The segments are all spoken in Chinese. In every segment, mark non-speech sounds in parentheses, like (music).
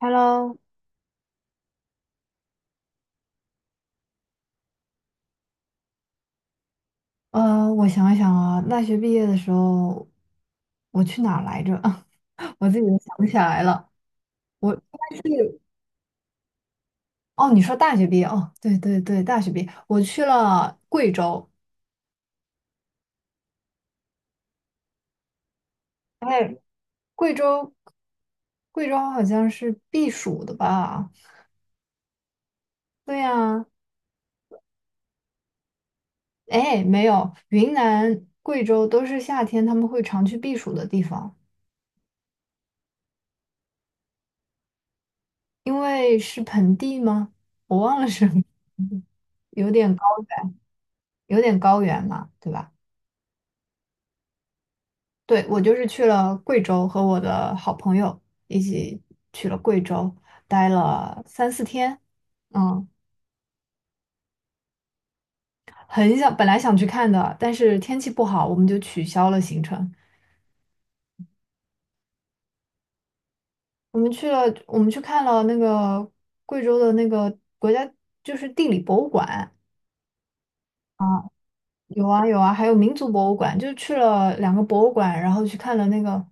Hello,我想一想啊，大学毕业的时候，我去哪儿来着？(laughs) 我自己都想不起来了。我应该是哦，你说大学毕业哦，对对对，大学毕业，我去了贵州。贵州，贵州好像是避暑的吧？对呀，哎，没有，云南、贵州都是夏天他们会常去避暑的地方，因为是盆地吗？我忘了是，(laughs) 有点高，有点高原嘛，对吧？对，我就是去了贵州，和我的好朋友一起去了贵州，待了三四天。嗯，很想，本来想去看的，但是天气不好，我们就取消了行程。我们去了，我们去看了那个贵州的那个国家，就是地理博物馆。有啊有啊，还有民族博物馆，就去了两个博物馆，然后去看了那个，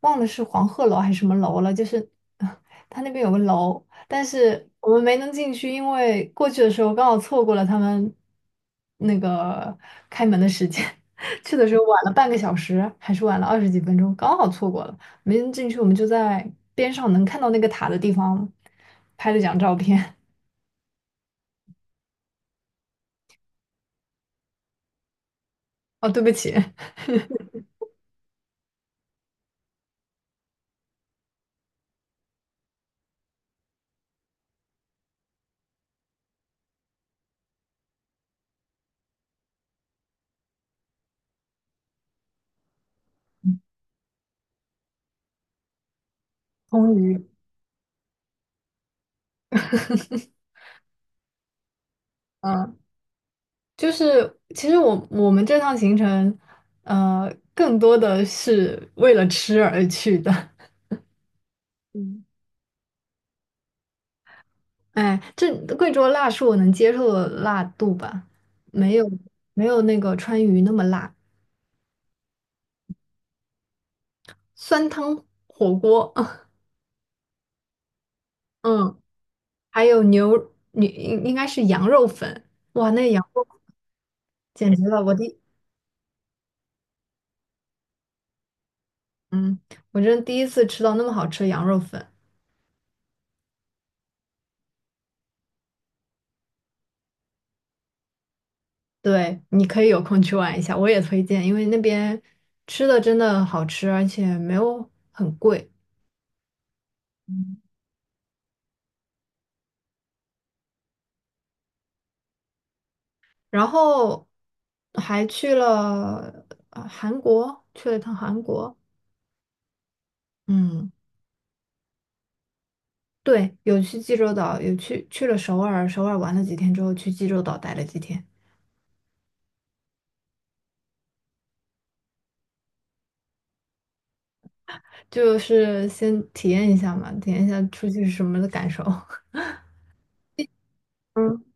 忘了是黄鹤楼还是什么楼了，就是 (laughs) 它那边有个楼，但是我们没能进去，因为过去的时候刚好错过了他们那个开门的时间，(laughs) 去的时候晚了半个小时，还是晚了二十几分钟，刚好错过了，没能进去，我们就在边上能看到那个塔的地方拍了张照片。(laughs) 哦，对不起，(laughs) 空嗯。就是其实我们这趟行程，更多的是为了吃而去的。(laughs) 嗯，哎，这贵州辣是我能接受的辣度吧，没有没有那个川渝那么辣。酸汤火锅，(laughs) 嗯，还有牛，你应该是羊肉粉，哇，那羊肉简直了，我第，嗯，我真第一次吃到那么好吃的羊肉粉。对，你可以有空去玩一下，我也推荐，因为那边吃的真的好吃，而且没有很贵。嗯，然后还去了韩国，去了一趟韩国。嗯，对，有去济州岛，去了首尔，首尔玩了几天之后，去济州岛待了几天，就是先体验一下嘛，体验一下出去是什么的感受。(laughs) 嗯。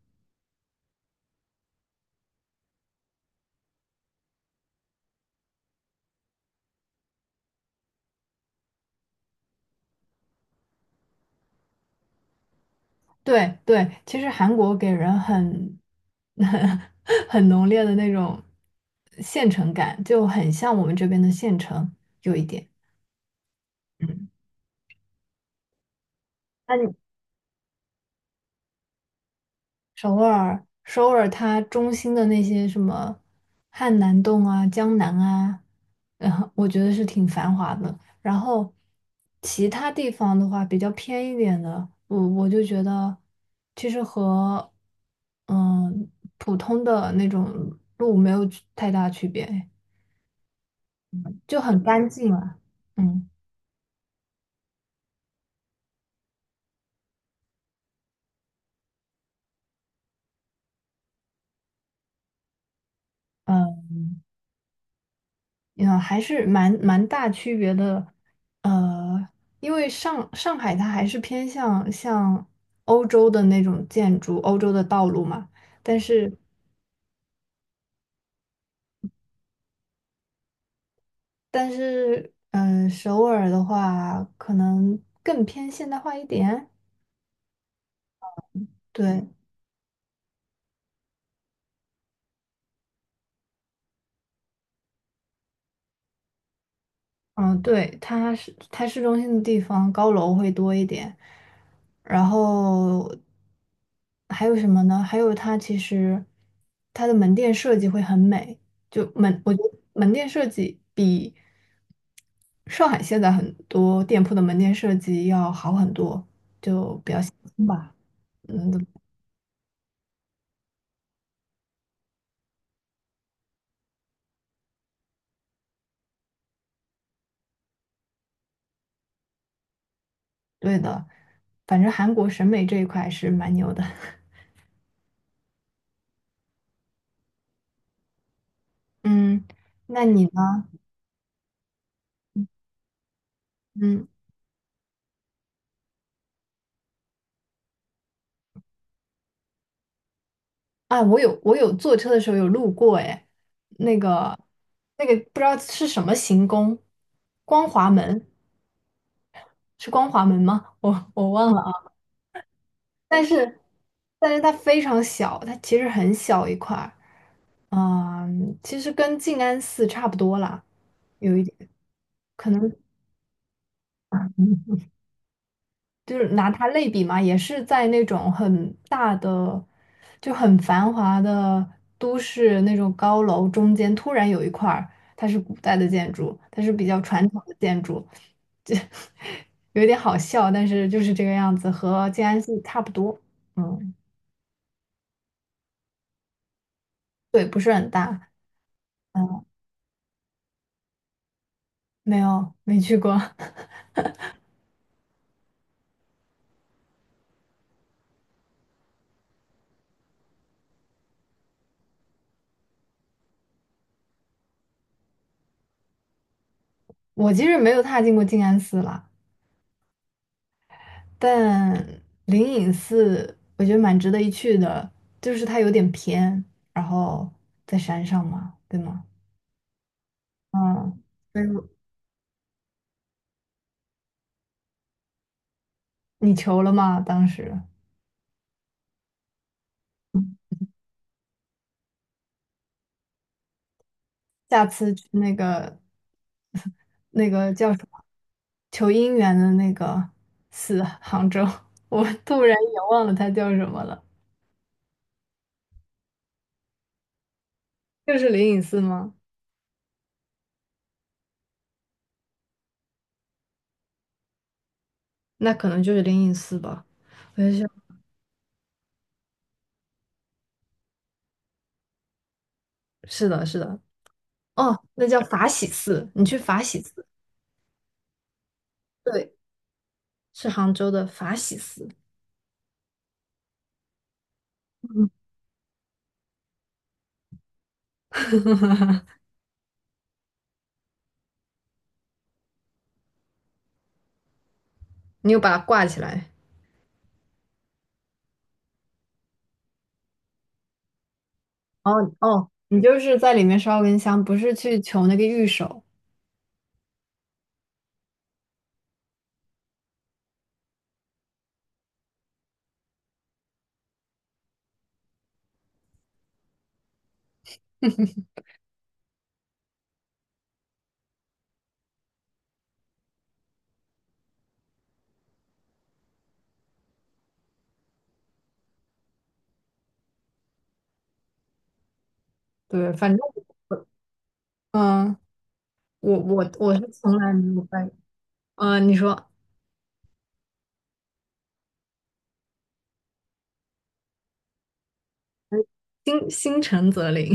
对对，其实韩国给人很 (laughs) 很浓烈的那种县城感，就很像我们这边的县城，有一点。嗯，那你。首尔它中心的那些什么汉南洞啊、江南啊，然后我觉得是挺繁华的。然后其他地方的话，比较偏一点的，我就觉得其实和嗯普通的那种路没有太大区别，就很干净啊。嗯。呃嗯，还是蛮大区别的，呃，因为上海它还是偏向像欧洲的那种建筑，欧洲的道路嘛，但是但是，嗯、首尔的话可能更偏现代化一点，对，嗯，对，它是它市中心的地方，高楼会多一点。然后还有什么呢？还有它其实它的门店设计会很美，就门，我觉得门店设计比上海现在很多店铺的门店设计要好很多吧。嗯，对的，反正韩国审美这一块是蛮牛的。(laughs) 嗯，那你呢？嗯。啊，我有坐车的时候有路过，哎，那个那个不知道是什么行宫，光华门是光华门吗？(laughs) 我忘了啊。但是但是它非常小，它其实很小一块儿，嗯，其实跟静安寺差不多啦，有一点可能。就是拿它类比嘛，也是在那种很大的、就很繁华的都市那种高楼中间，突然有一块儿它是古代的建筑，它是比较传统的建筑，这 (laughs) 有点好笑，但是就是这个样子，和静安寺差不多。嗯，对，不是很大。嗯，没有，没去过。(laughs) 我其实没有踏进过静安寺啦。但灵隐寺我觉得蛮值得一去的，就是它有点偏，然后在山上嘛，对吗？嗯，所以我你求了吗？当时下次去那个那个叫什么求姻缘的那个寺，杭州，(laughs) 我突然也忘了它叫什么了，就是灵隐寺吗？那可能就是灵隐寺吧，我就想是的，是的，哦，那叫法喜寺，你去法喜寺。对。是杭州的法喜寺，嗯你又把它挂起来。哦，哦，你就是在里面烧根香，不是去求那个玉手。(laughs) 对，反正我，嗯，我是从来没有拜。嗯、你说心心诚则灵。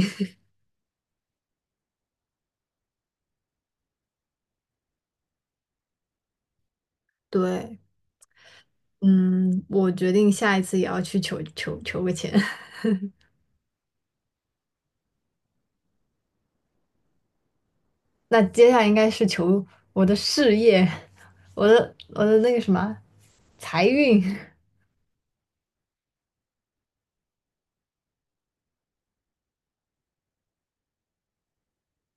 (laughs) 对，嗯，我决定下一次也要去求个签。(laughs) 那接下来应该是求我的事业，我的那个什么财运。(laughs)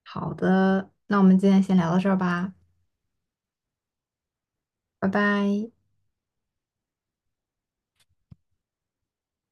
好的，那我们今天先聊到这儿吧，拜拜。